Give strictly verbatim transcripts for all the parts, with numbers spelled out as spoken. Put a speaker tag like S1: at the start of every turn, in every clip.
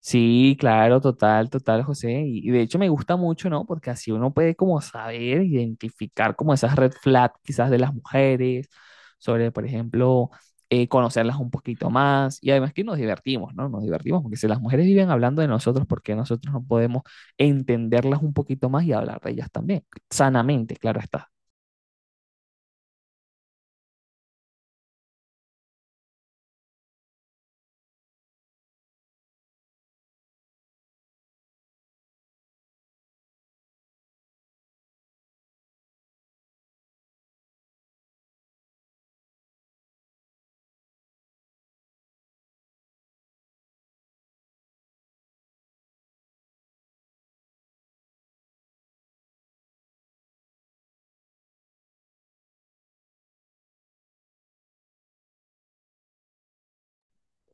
S1: Sí, claro, total, total, José. Y, y de hecho me gusta mucho, ¿no? Porque así uno puede como saber, identificar como esas red flags quizás de las mujeres, sobre, por ejemplo, eh, conocerlas un poquito más. Y además que nos divertimos, ¿no? Nos divertimos, porque si las mujeres viven hablando de nosotros, ¿por qué nosotros no podemos entenderlas un poquito más y hablar de ellas también? Sanamente, claro está.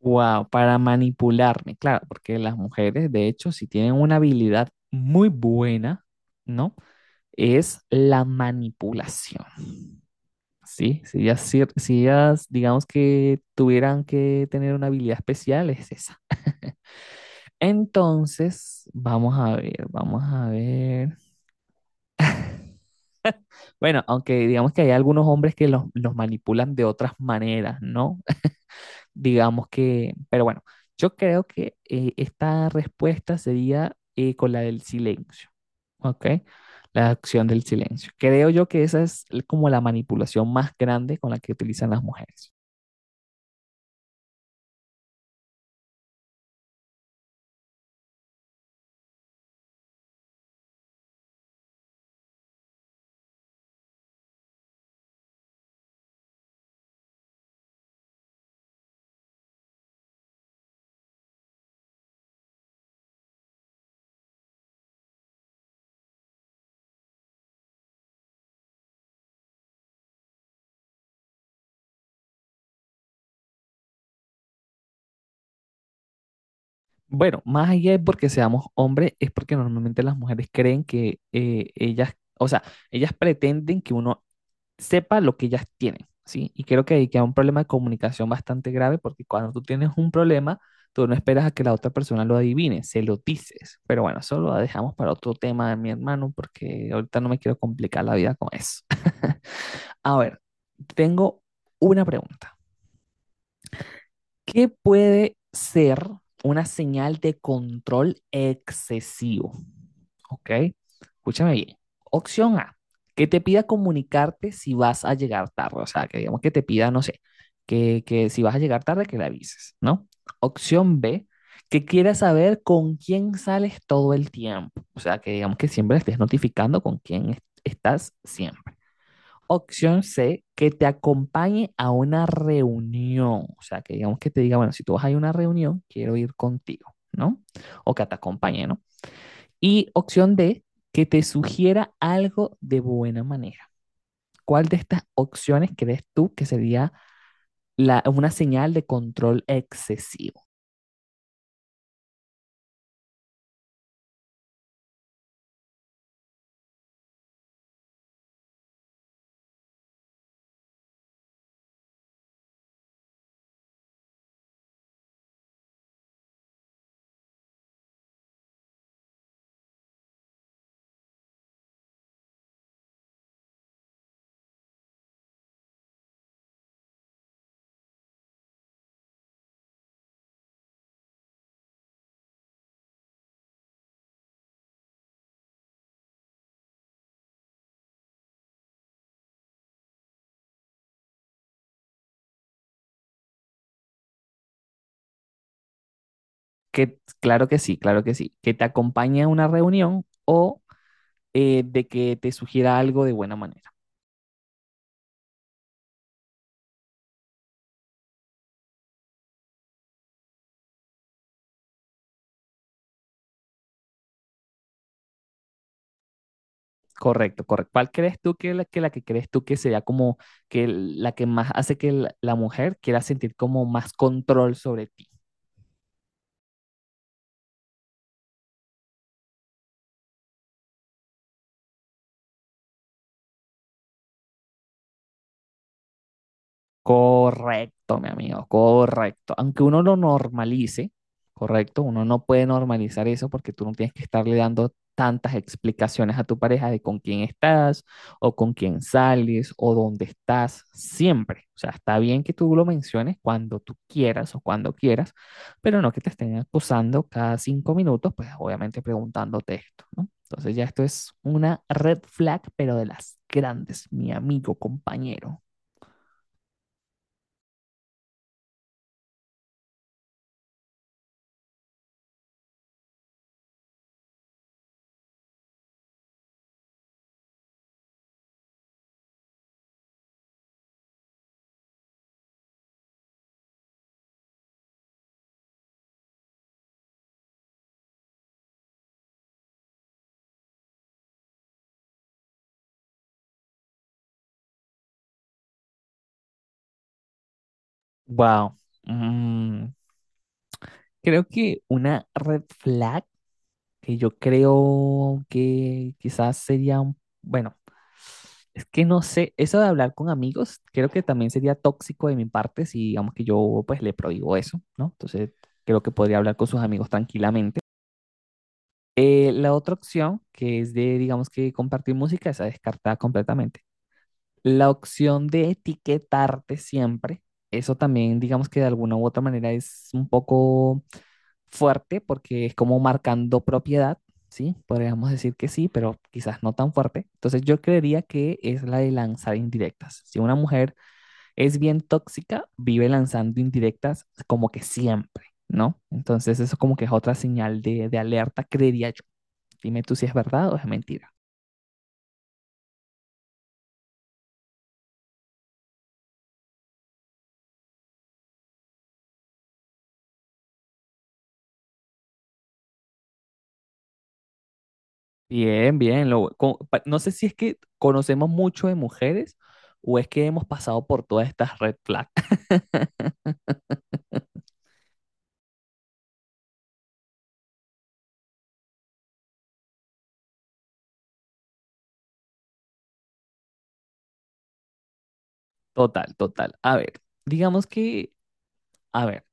S1: Wow, para manipularme, claro, porque las mujeres, de hecho, si tienen una habilidad muy buena, ¿no? Es la manipulación, ¿sí? Si ellas, si ellas, digamos que tuvieran que tener una habilidad especial, es esa. Entonces, vamos a ver, vamos a ver. Bueno, aunque digamos que hay algunos hombres que los, los manipulan de otras maneras, ¿no? Digamos que, pero bueno, yo creo que eh, esta respuesta sería eh, con la del silencio, ¿ok? La acción del silencio. Creo yo que esa es como la manipulación más grande con la que utilizan las mujeres. Bueno, más allá de porque seamos hombres, es porque normalmente las mujeres creen que eh, ellas, o sea, ellas pretenden que uno sepa lo que ellas tienen, ¿sí? Y creo que ahí queda un problema de comunicación bastante grave porque cuando tú tienes un problema, tú no esperas a que la otra persona lo adivine, se lo dices. Pero bueno, eso lo dejamos para otro tema, mi hermano, porque ahorita no me quiero complicar la vida con eso. A ver, tengo una pregunta. ¿Qué puede ser una señal de control excesivo? Ok, escúchame bien. Opción A, que te pida comunicarte si vas a llegar tarde, o sea, que digamos que te pida, no sé, que, que si vas a llegar tarde, que le avises, ¿no? Opción B, que quiera saber con quién sales todo el tiempo, o sea, que digamos que siempre estés notificando con quién es- estás siempre. Opción C, que te acompañe a una reunión, o sea, que digamos que te diga, bueno, si tú vas a ir a una reunión, quiero ir contigo, ¿no? O que te acompañe, ¿no? Y opción D, que te sugiera algo de buena manera. ¿Cuál de estas opciones crees tú que sería la, una señal de control excesivo? Que, claro que sí, claro que sí. Que te acompañe a una reunión o eh, de que te sugiera algo de buena manera. Correcto, correcto. ¿Cuál crees tú que la que, la que crees tú que sería como que la que más hace que la, la mujer quiera sentir como más control sobre ti? Correcto, mi amigo, correcto. Aunque uno lo normalice, correcto, uno no puede normalizar eso porque tú no tienes que estarle dando tantas explicaciones a tu pareja de con quién estás o con quién sales o dónde estás siempre. O sea, está bien que tú lo menciones cuando tú quieras o cuando quieras, pero no que te estén acusando cada cinco minutos, pues obviamente preguntándote esto, ¿no? Entonces ya esto es una red flag, pero de las grandes, mi amigo, compañero. Wow. Mm, creo que una red flag que yo creo que quizás sería un, bueno, es que no sé, eso de hablar con amigos, creo que también sería tóxico de mi parte si digamos que yo pues le prohíbo eso, ¿no? Entonces creo que podría hablar con sus amigos tranquilamente. Eh, la otra opción, que es de, digamos que compartir música, esa descartada completamente. La opción de etiquetarte siempre, eso también, digamos que de alguna u otra manera es un poco fuerte porque es como marcando propiedad, ¿sí? Podríamos decir que sí, pero quizás no tan fuerte. Entonces yo creería que es la de lanzar indirectas. Si una mujer es bien tóxica, vive lanzando indirectas como que siempre, ¿no? Entonces eso como que es otra señal de, de alerta, creería yo. Dime tú si es verdad o es mentira. Bien, bien. Lo- co- pa- no sé si es que conocemos mucho de mujeres o es que hemos pasado por todas estas red flags. Total, total. A ver, digamos que, a ver,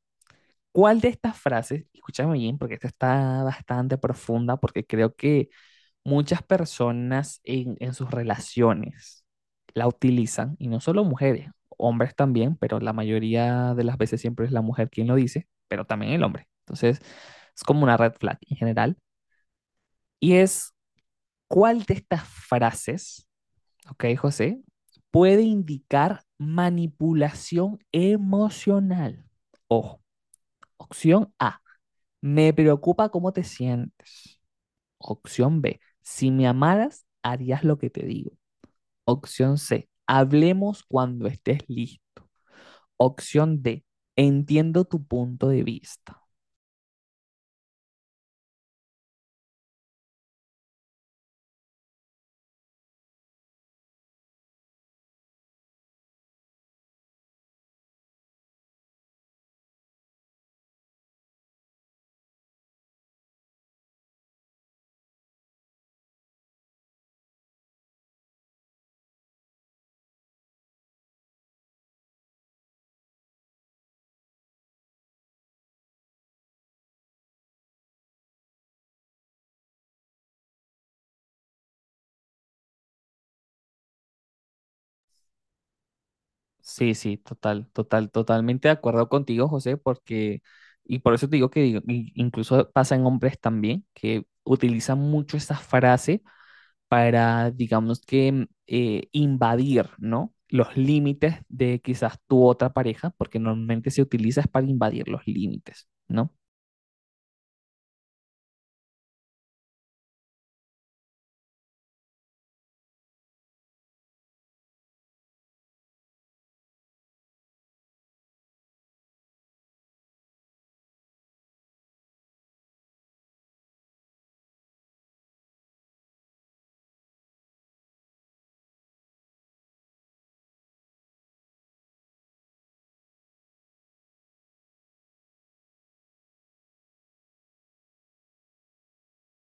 S1: ¿cuál de estas frases, escúchame bien, porque esta está bastante profunda, porque creo que muchas personas en, en sus relaciones la utilizan, y no solo mujeres, hombres también, pero la mayoría de las veces siempre es la mujer quien lo dice, pero también el hombre. Entonces, es como una red flag en general. Y es, ¿cuál de estas frases, ok, José, puede indicar manipulación emocional? Ojo, opción A, me preocupa cómo te sientes. Opción B, si me amaras, harías lo que te digo. Opción C, hablemos cuando estés listo. Opción D, entiendo tu punto de vista. Sí, sí, total, total, totalmente de acuerdo contigo, José, porque, y por eso te digo que digo, y- incluso pasa en hombres también, que utilizan mucho esa frase para, digamos que, eh, invadir, ¿no? Los límites de quizás tu otra pareja, porque normalmente se utiliza es para invadir los límites, ¿no?